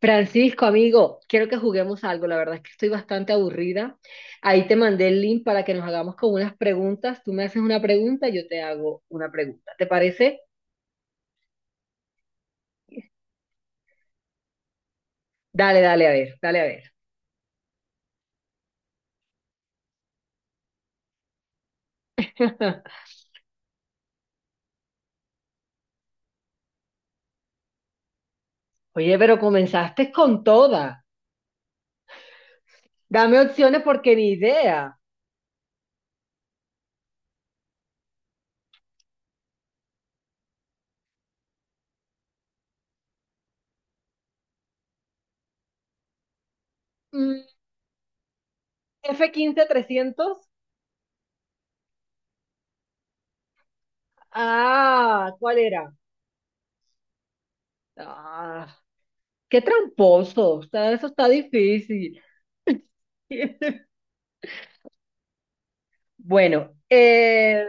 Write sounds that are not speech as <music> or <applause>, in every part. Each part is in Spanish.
Francisco, amigo, quiero que juguemos algo. La verdad es que estoy bastante aburrida. Ahí te mandé el link para que nos hagamos con unas preguntas. Tú me haces una pregunta, yo te hago una pregunta. ¿Te parece? Dale, dale, a ver, dale, a ver. <laughs> Oye, pero comenzaste con toda. Dame opciones porque ni idea. Mm, F-15 300. Ah, ¿cuál era? Ah, qué tramposo. Eso está difícil. <laughs> Bueno,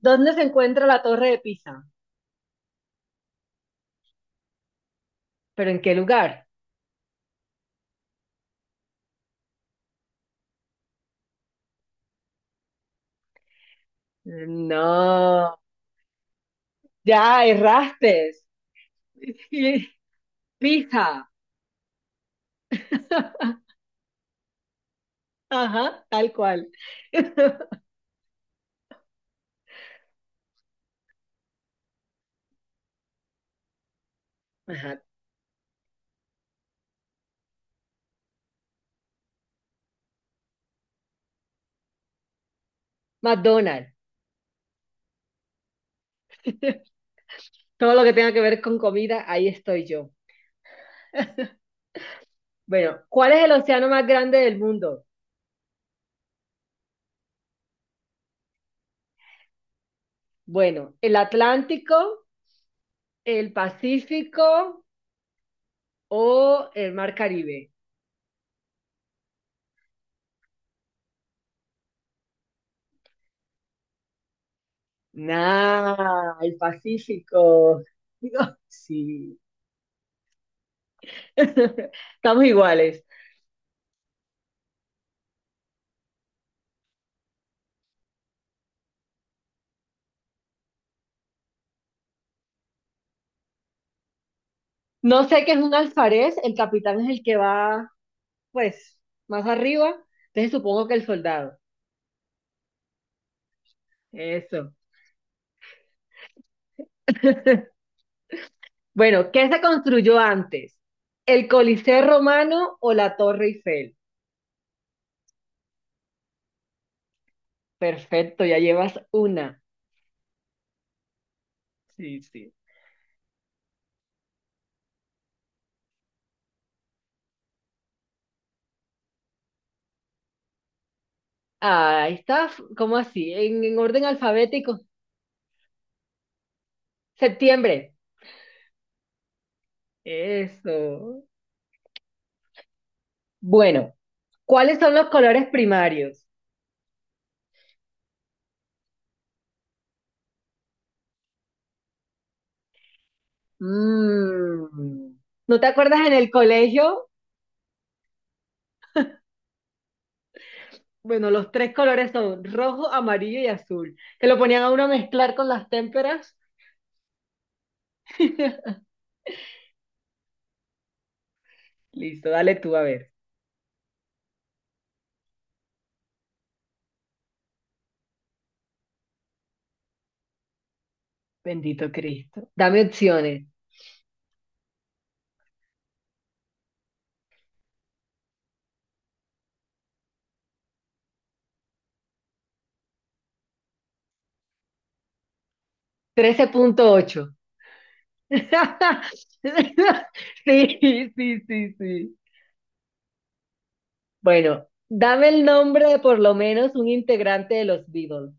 ¿dónde se encuentra la Torre de Pisa? ¿Pero en qué lugar? No, ya erraste. <laughs> Pisa. <laughs> Ajá, tal cual. Ajá. McDonald's. <laughs> Todo lo que tenga que ver con comida, ahí estoy yo. Bueno, ¿cuál es el océano más grande del mundo? Bueno, ¿el Atlántico, el Pacífico o el Mar Caribe? Nah, el Pacífico. Digo, sí. <laughs> Estamos iguales. No sé qué es un alfarés, el capitán es el que va, pues, más arriba, entonces supongo que el soldado. Eso. <laughs> Bueno, ¿qué se construyó antes? ¿El Coliseo Romano o la Torre Eiffel? Perfecto, ya llevas una. Sí, sí. Ah, está, ¿cómo así? En orden alfabético. Septiembre. Eso. Bueno, ¿cuáles son los colores primarios? Mm, ¿No te acuerdas en el colegio? Bueno, los tres colores son rojo, amarillo y azul. Que lo ponían a uno a mezclar con las témperas. <laughs> Listo, dale tú a ver. Bendito Cristo. Dame opciones. 13,8. <laughs> Sí, sí, sí, sí. Bueno, dame el nombre de por lo menos un integrante de los Beatles.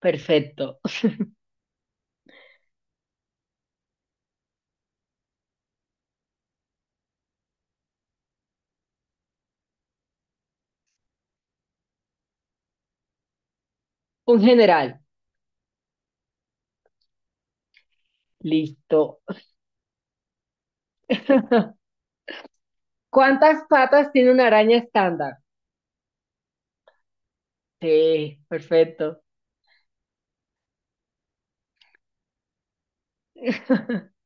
Perfecto. Un general. Listo. <laughs> ¿Cuántas patas tiene una araña estándar? Sí, perfecto. <laughs>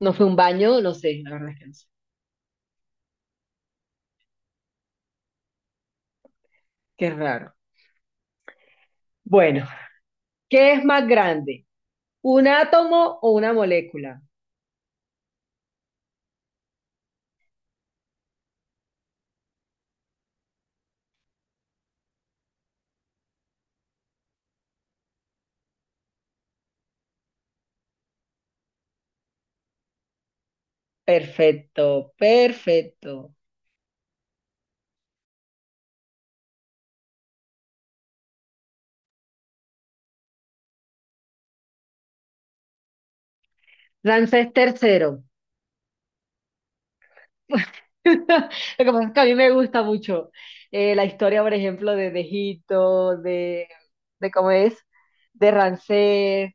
¿No fue un baño? No sé, la verdad es que no sé. Qué raro. Bueno, ¿qué es más grande? ¿Un átomo o una molécula? Perfecto, perfecto. Ramsés III. <laughs> Lo que pasa es que a mí me gusta mucho la historia, por ejemplo, de Egipto, de cómo es, de Ramsés,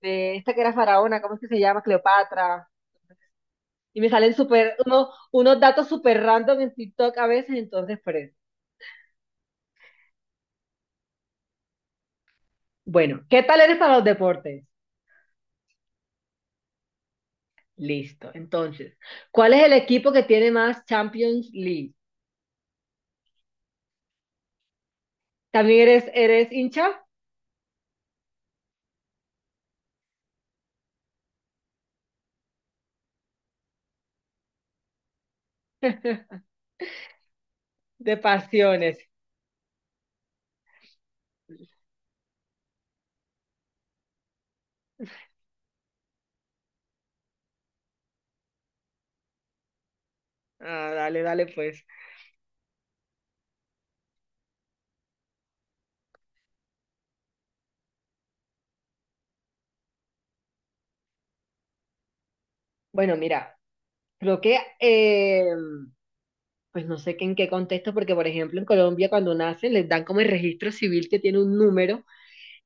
de esta que era faraona, ¿cómo es que se llama? Cleopatra. Y me salen súper, unos datos súper random en TikTok a veces, entonces por eso. Bueno, ¿qué tal eres para los deportes? Listo. Entonces, ¿cuál es el equipo que tiene más Champions League? ¿También eres hincha? De pasiones. Ah, dale, dale, pues. Bueno, mira, creo que, pues no sé que en qué contexto, porque por ejemplo en Colombia cuando nacen les dan como el registro civil que tiene un número.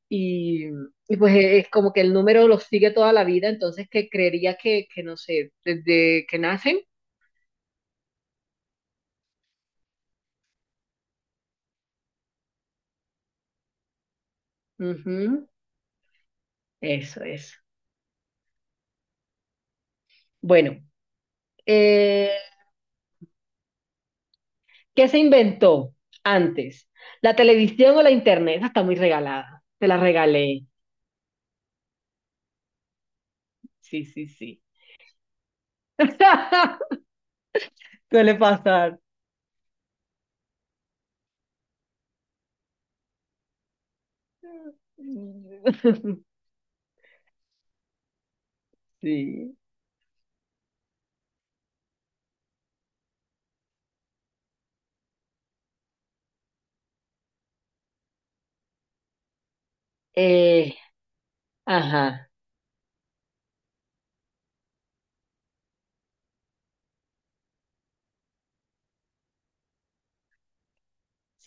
Y, y pues es como que el número los sigue toda la vida, entonces que creería que no sé, desde que nacen. Ujú. Eso es. Bueno, eh, ¿qué se inventó antes? ¿La televisión o la internet? Esa está muy regalada. Te la regalé. Sí, sí, sí. <laughs> Suele pasar. <laughs> Sí. Eh, ajá.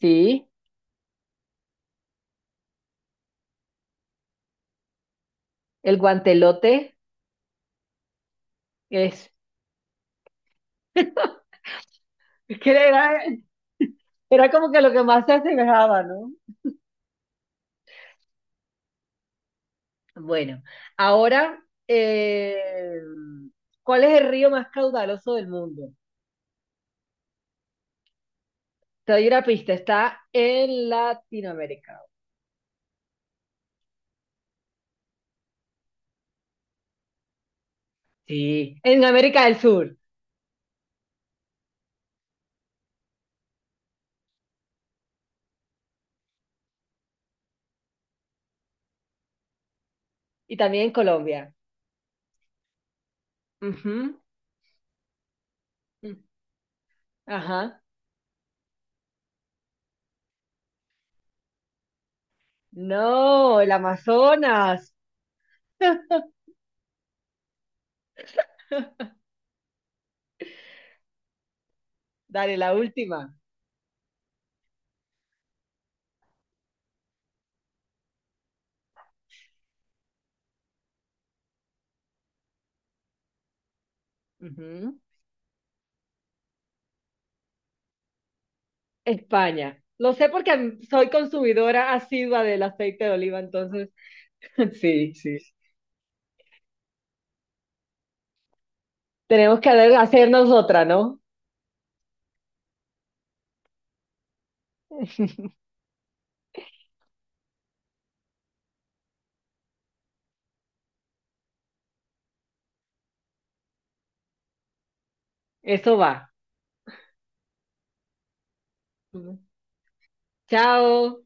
Sí. El guantelote es. <laughs> ¿Qué era? Era como que lo que más se asemejaba, ¿no? Bueno, ahora, eh, ¿cuál es el río más caudaloso del mundo? Te doy una pista, está en Latinoamérica. Sí, en América del Sur y también en Colombia. Ujú. Mm. Ajá. No, el Amazonas. <laughs> Dale, la última. Ujú. España. Lo sé porque soy consumidora asidua del aceite de oliva, entonces. <laughs> Sí, sí. Tenemos que hacernos otra, ¿no? <laughs> Eso va. Chao.